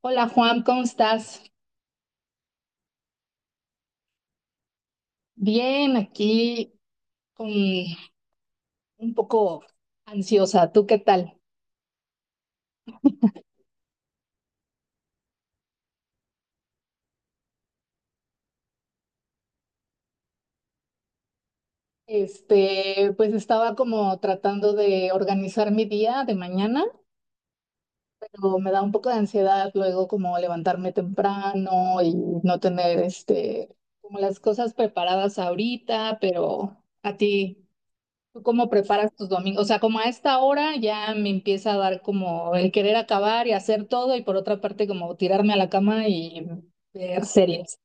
Hola Juan, ¿cómo estás? Bien, aquí con un poco ansiosa. ¿Tú qué tal? Pues estaba como tratando de organizar mi día de mañana, pero me da un poco de ansiedad luego como levantarme temprano y no tener como las cosas preparadas ahorita, pero a ti. ¿Tú cómo preparas tus domingos? O sea, como a esta hora ya me empieza a dar como el querer acabar y hacer todo y por otra parte como tirarme a la cama y ver series.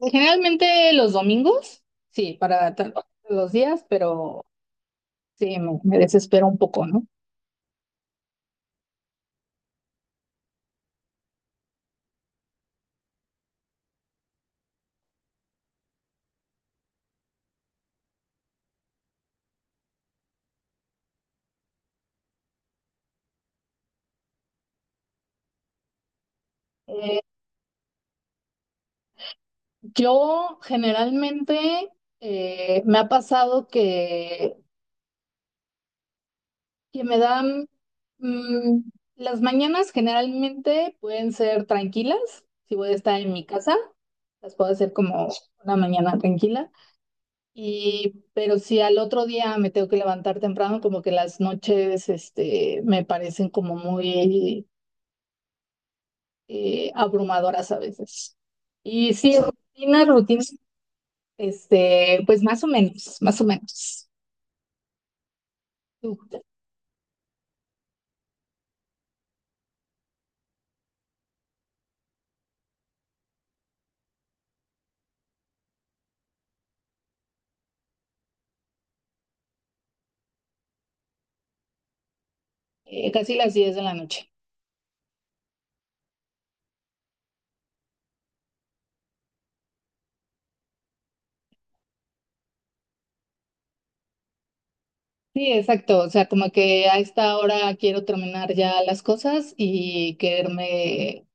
Generalmente los domingos, sí, los días, pero sí, me desespero un poco, ¿no? Eh, yo generalmente me ha pasado que, me dan, mm, las mañanas generalmente pueden ser tranquilas si voy a estar en mi casa. Las puedo hacer como una mañana tranquila. Pero si al otro día me tengo que levantar temprano, como que las noches, me parecen como muy abrumadoras a veces. Y sí, rutina, rutina, pues más o menos, más o menos. Tú, Casi las 10 de la noche. Sí, exacto. O sea, como que a esta hora quiero terminar ya las cosas y quererme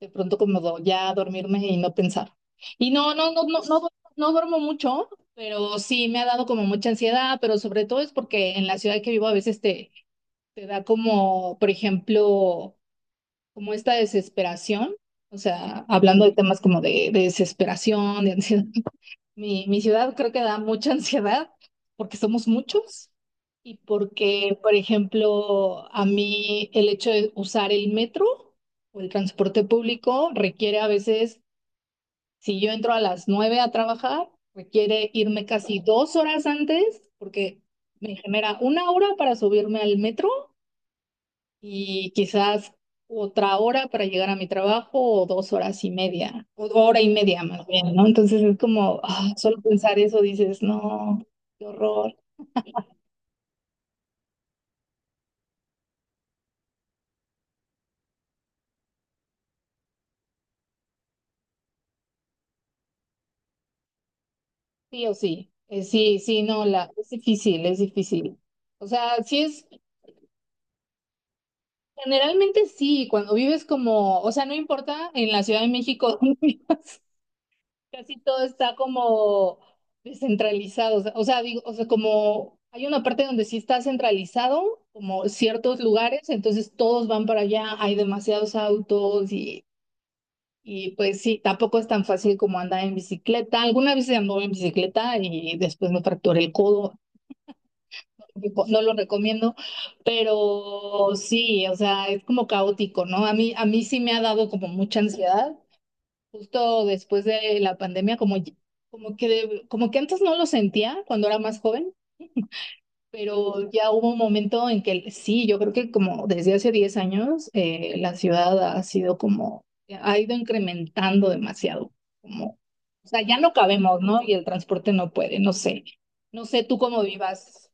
de pronto como ya dormirme y no pensar. Y no, no, no, no, no, duermo no duermo mucho, pero sí me ha dado como mucha ansiedad, pero sobre todo es porque en la ciudad que vivo a veces te da como, por ejemplo, como esta desesperación, o sea, hablando de temas como de desesperación, de ansiedad. Mi ciudad creo que da mucha ansiedad porque somos muchos y porque, por ejemplo, a mí el hecho de usar el metro o el transporte público requiere a veces, si yo entro a las 9 a trabajar, requiere irme casi 2 horas antes porque me genera 1 hora para subirme al metro y quizás otra hora para llegar a mi trabajo o 2 horas y media, o hora y media más bien, ¿no? Entonces es como, ah, solo pensar eso dices, no, qué horror. Sí o sí, sí, sí, no, es difícil, es difícil. O sea, sí es, generalmente sí, cuando vives como, o sea, no importa en la Ciudad de México, donde vivas, casi todo está como descentralizado, o sea, digo, como hay una parte donde sí está centralizado, como ciertos lugares, entonces todos van para allá, hay demasiados autos y pues sí, tampoco es tan fácil como andar en bicicleta. Alguna vez anduve en bicicleta y después me fracturé el codo, no lo recomiendo, pero sí, o sea, es como caótico, ¿no? A mí, sí me ha dado como mucha ansiedad. Justo después de la pandemia, como, como que, como que antes no lo sentía cuando era más joven, pero ya hubo un momento en que sí, yo creo que como desde hace 10 años, la ciudad ha sido como, ha ido incrementando demasiado, como, o sea, ya no cabemos, ¿no? Y el transporte no puede, no sé, no sé tú cómo vivas.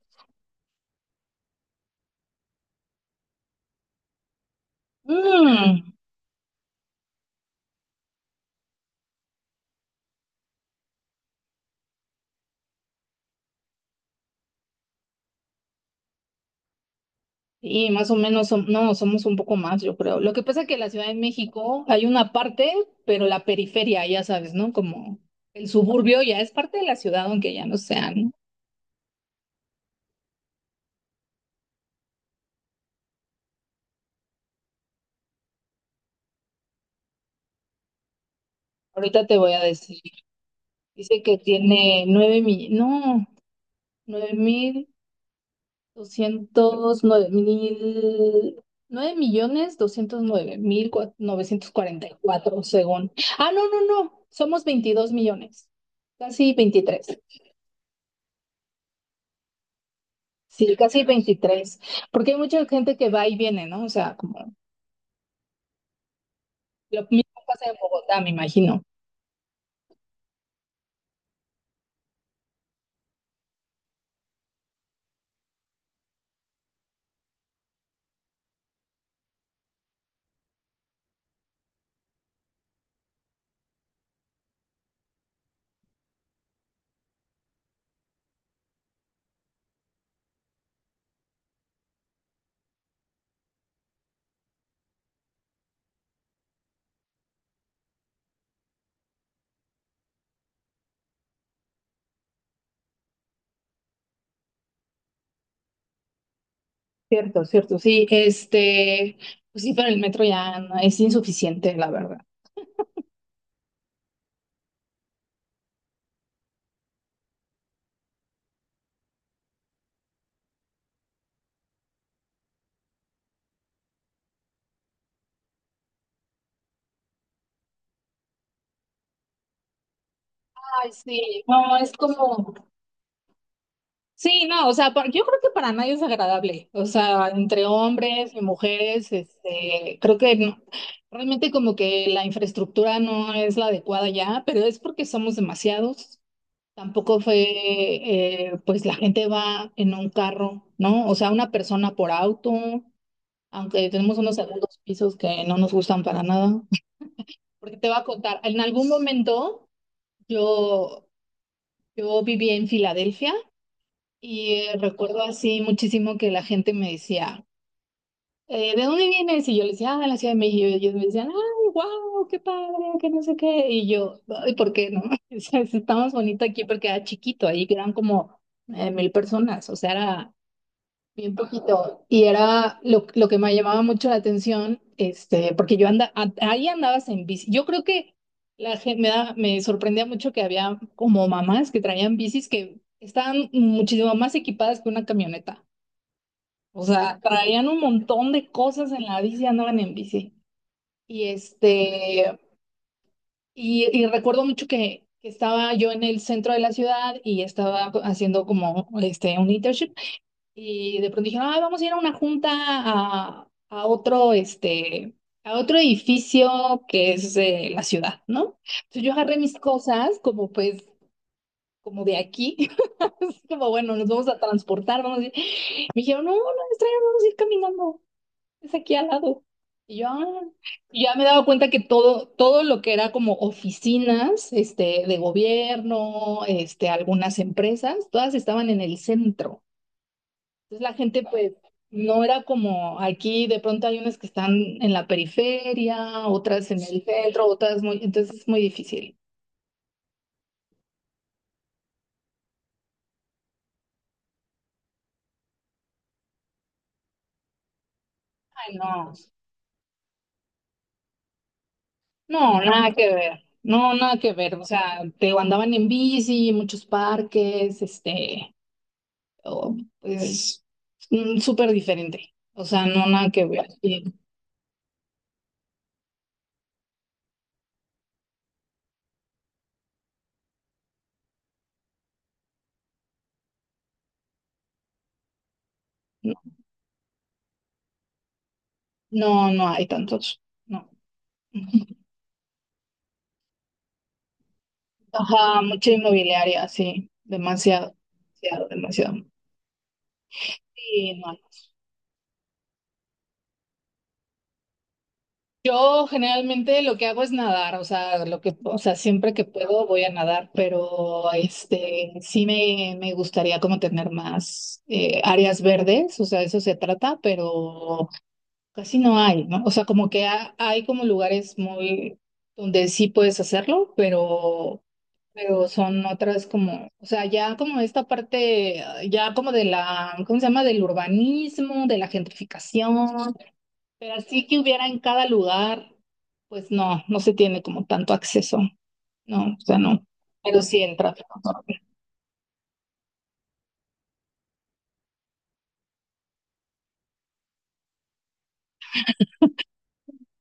Mm. Y más o menos, no, somos un poco más, yo creo. Lo que pasa que en la Ciudad de México hay una parte, pero la periferia, ya sabes, ¿no? Como el suburbio ya es parte de la ciudad, aunque ya no sea, ¿no? Ahorita te voy a decir. Dice que tiene nueve mil, no, nueve mil doscientos, nueve mil, nueve millones doscientos nueve mil novecientos cuarenta y cuatro, según. Ah, no, no, no, somos 22 millones, casi 23. Sí, casi 23, porque hay mucha gente que va y viene, ¿no? O sea, como lo mismo pasa en Bogotá, me imagino. Cierto, cierto, sí, pues sí, pero el metro es insuficiente, la verdad. Ay, sí, no, es como, sí, no, o sea, yo creo que para nadie es agradable, o sea, entre hombres y mujeres, creo que realmente como que la infraestructura no es la adecuada ya, pero es porque somos demasiados. Tampoco fue, pues la gente va en un carro, ¿no? O sea, una persona por auto, aunque tenemos unos segundos pisos que no nos gustan para nada. Porque te voy a contar, en algún momento yo, yo viví en Filadelfia y recuerdo así muchísimo que la gente me decía, ¿de dónde vienes? Y yo le decía, ah, de la Ciudad de México. Y ellos me decían, ay, wow, qué padre, que no sé qué. Y yo, ay, ¿por qué no? O sea, está más bonito aquí porque era chiquito, ahí eran como 1.000 personas, o sea, era bien poquito. Y era lo que me llamaba mucho la atención, porque yo andaba, ahí andabas en bici. Yo creo que la gente me sorprendía mucho que había como mamás que traían bicis que estaban muchísimo más equipadas que una camioneta. O sea, traían un montón de cosas en la bici, andaban en bici. Y este, y recuerdo mucho que, estaba yo en el centro de la ciudad y estaba haciendo como un internship y de pronto dijeron, "Ay, vamos a ir a una junta a otro edificio que es de la ciudad, ¿no?" Entonces yo agarré mis cosas como pues como de aquí, como bueno, nos vamos a transportar, vamos a ir. Me dijeron, "No, no, extraño vamos a ir caminando." Es aquí al lado. Y yo, "Ah". Y ya me he dado cuenta que todo, todo lo que era como oficinas, de gobierno, algunas empresas, todas estaban en el centro. Entonces la gente, pues, no era como aquí, de pronto hay unas que están en la periferia, otras en el centro, otras muy, entonces es muy difícil. Ay, no, no, nada que ver, no, nada que ver. O sea, te digo, andaban en bici, muchos parques. Oh, pues súper diferente. O sea, no nada que ver. Y no, no, no hay tantos. No. Ajá, mucha inmobiliaria, sí. Demasiado, demasiado, demasiado. Sí, no. No. Yo generalmente lo que hago es nadar, o sea, lo que, o sea, siempre que puedo voy a nadar, pero este sí me gustaría como tener más áreas verdes, o sea, eso se trata, pero casi no hay, ¿no? O sea, como que hay como lugares muy donde sí puedes hacerlo, pero, son otras como, o sea, ya como esta parte, ah, ya como de la, ¿cómo se llama? Del urbanismo, de la gentrificación, pero así que hubiera en cada lugar, pues no, no se tiene como tanto acceso, no, o sea, no, pero sí el tráfico.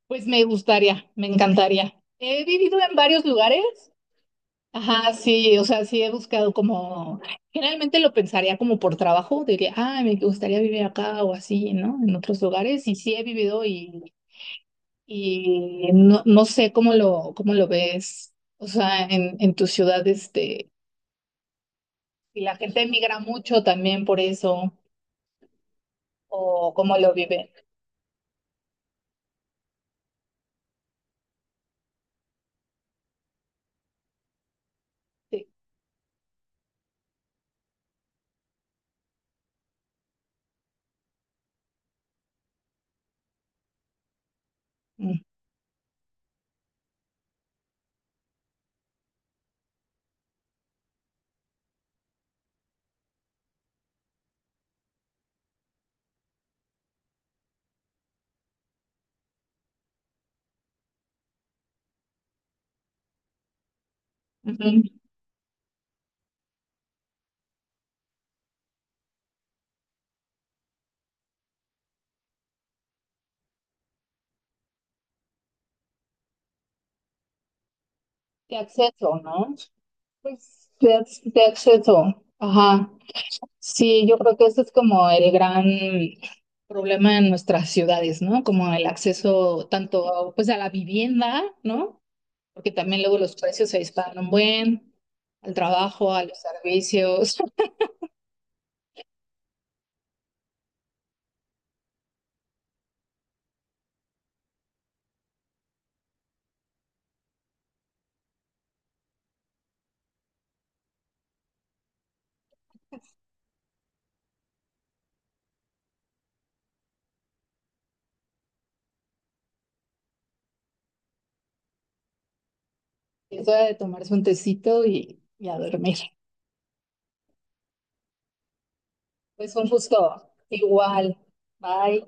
Pues me gustaría, me encantaría. He vivido en varios lugares. Ajá, sí, o sea, sí he buscado como, generalmente lo pensaría como por trabajo, diría, ah, me gustaría vivir acá o así, ¿no? En otros lugares, y sí he vivido y no, no sé cómo lo ves, o sea, en tu ciudad, y la gente emigra mucho también por eso, o cómo lo vive. Sí. Mm, ujú. De acceso, ¿no? Pues de acceso, ajá. Sí, yo creo que ese es como el gran problema en nuestras ciudades, ¿no? Como el acceso tanto pues a la vivienda, ¿no? Porque también luego los precios se disparan un buen, al trabajo, a los servicios, es hora de tomarse un tecito y a dormir. Pues un gusto, igual, bye.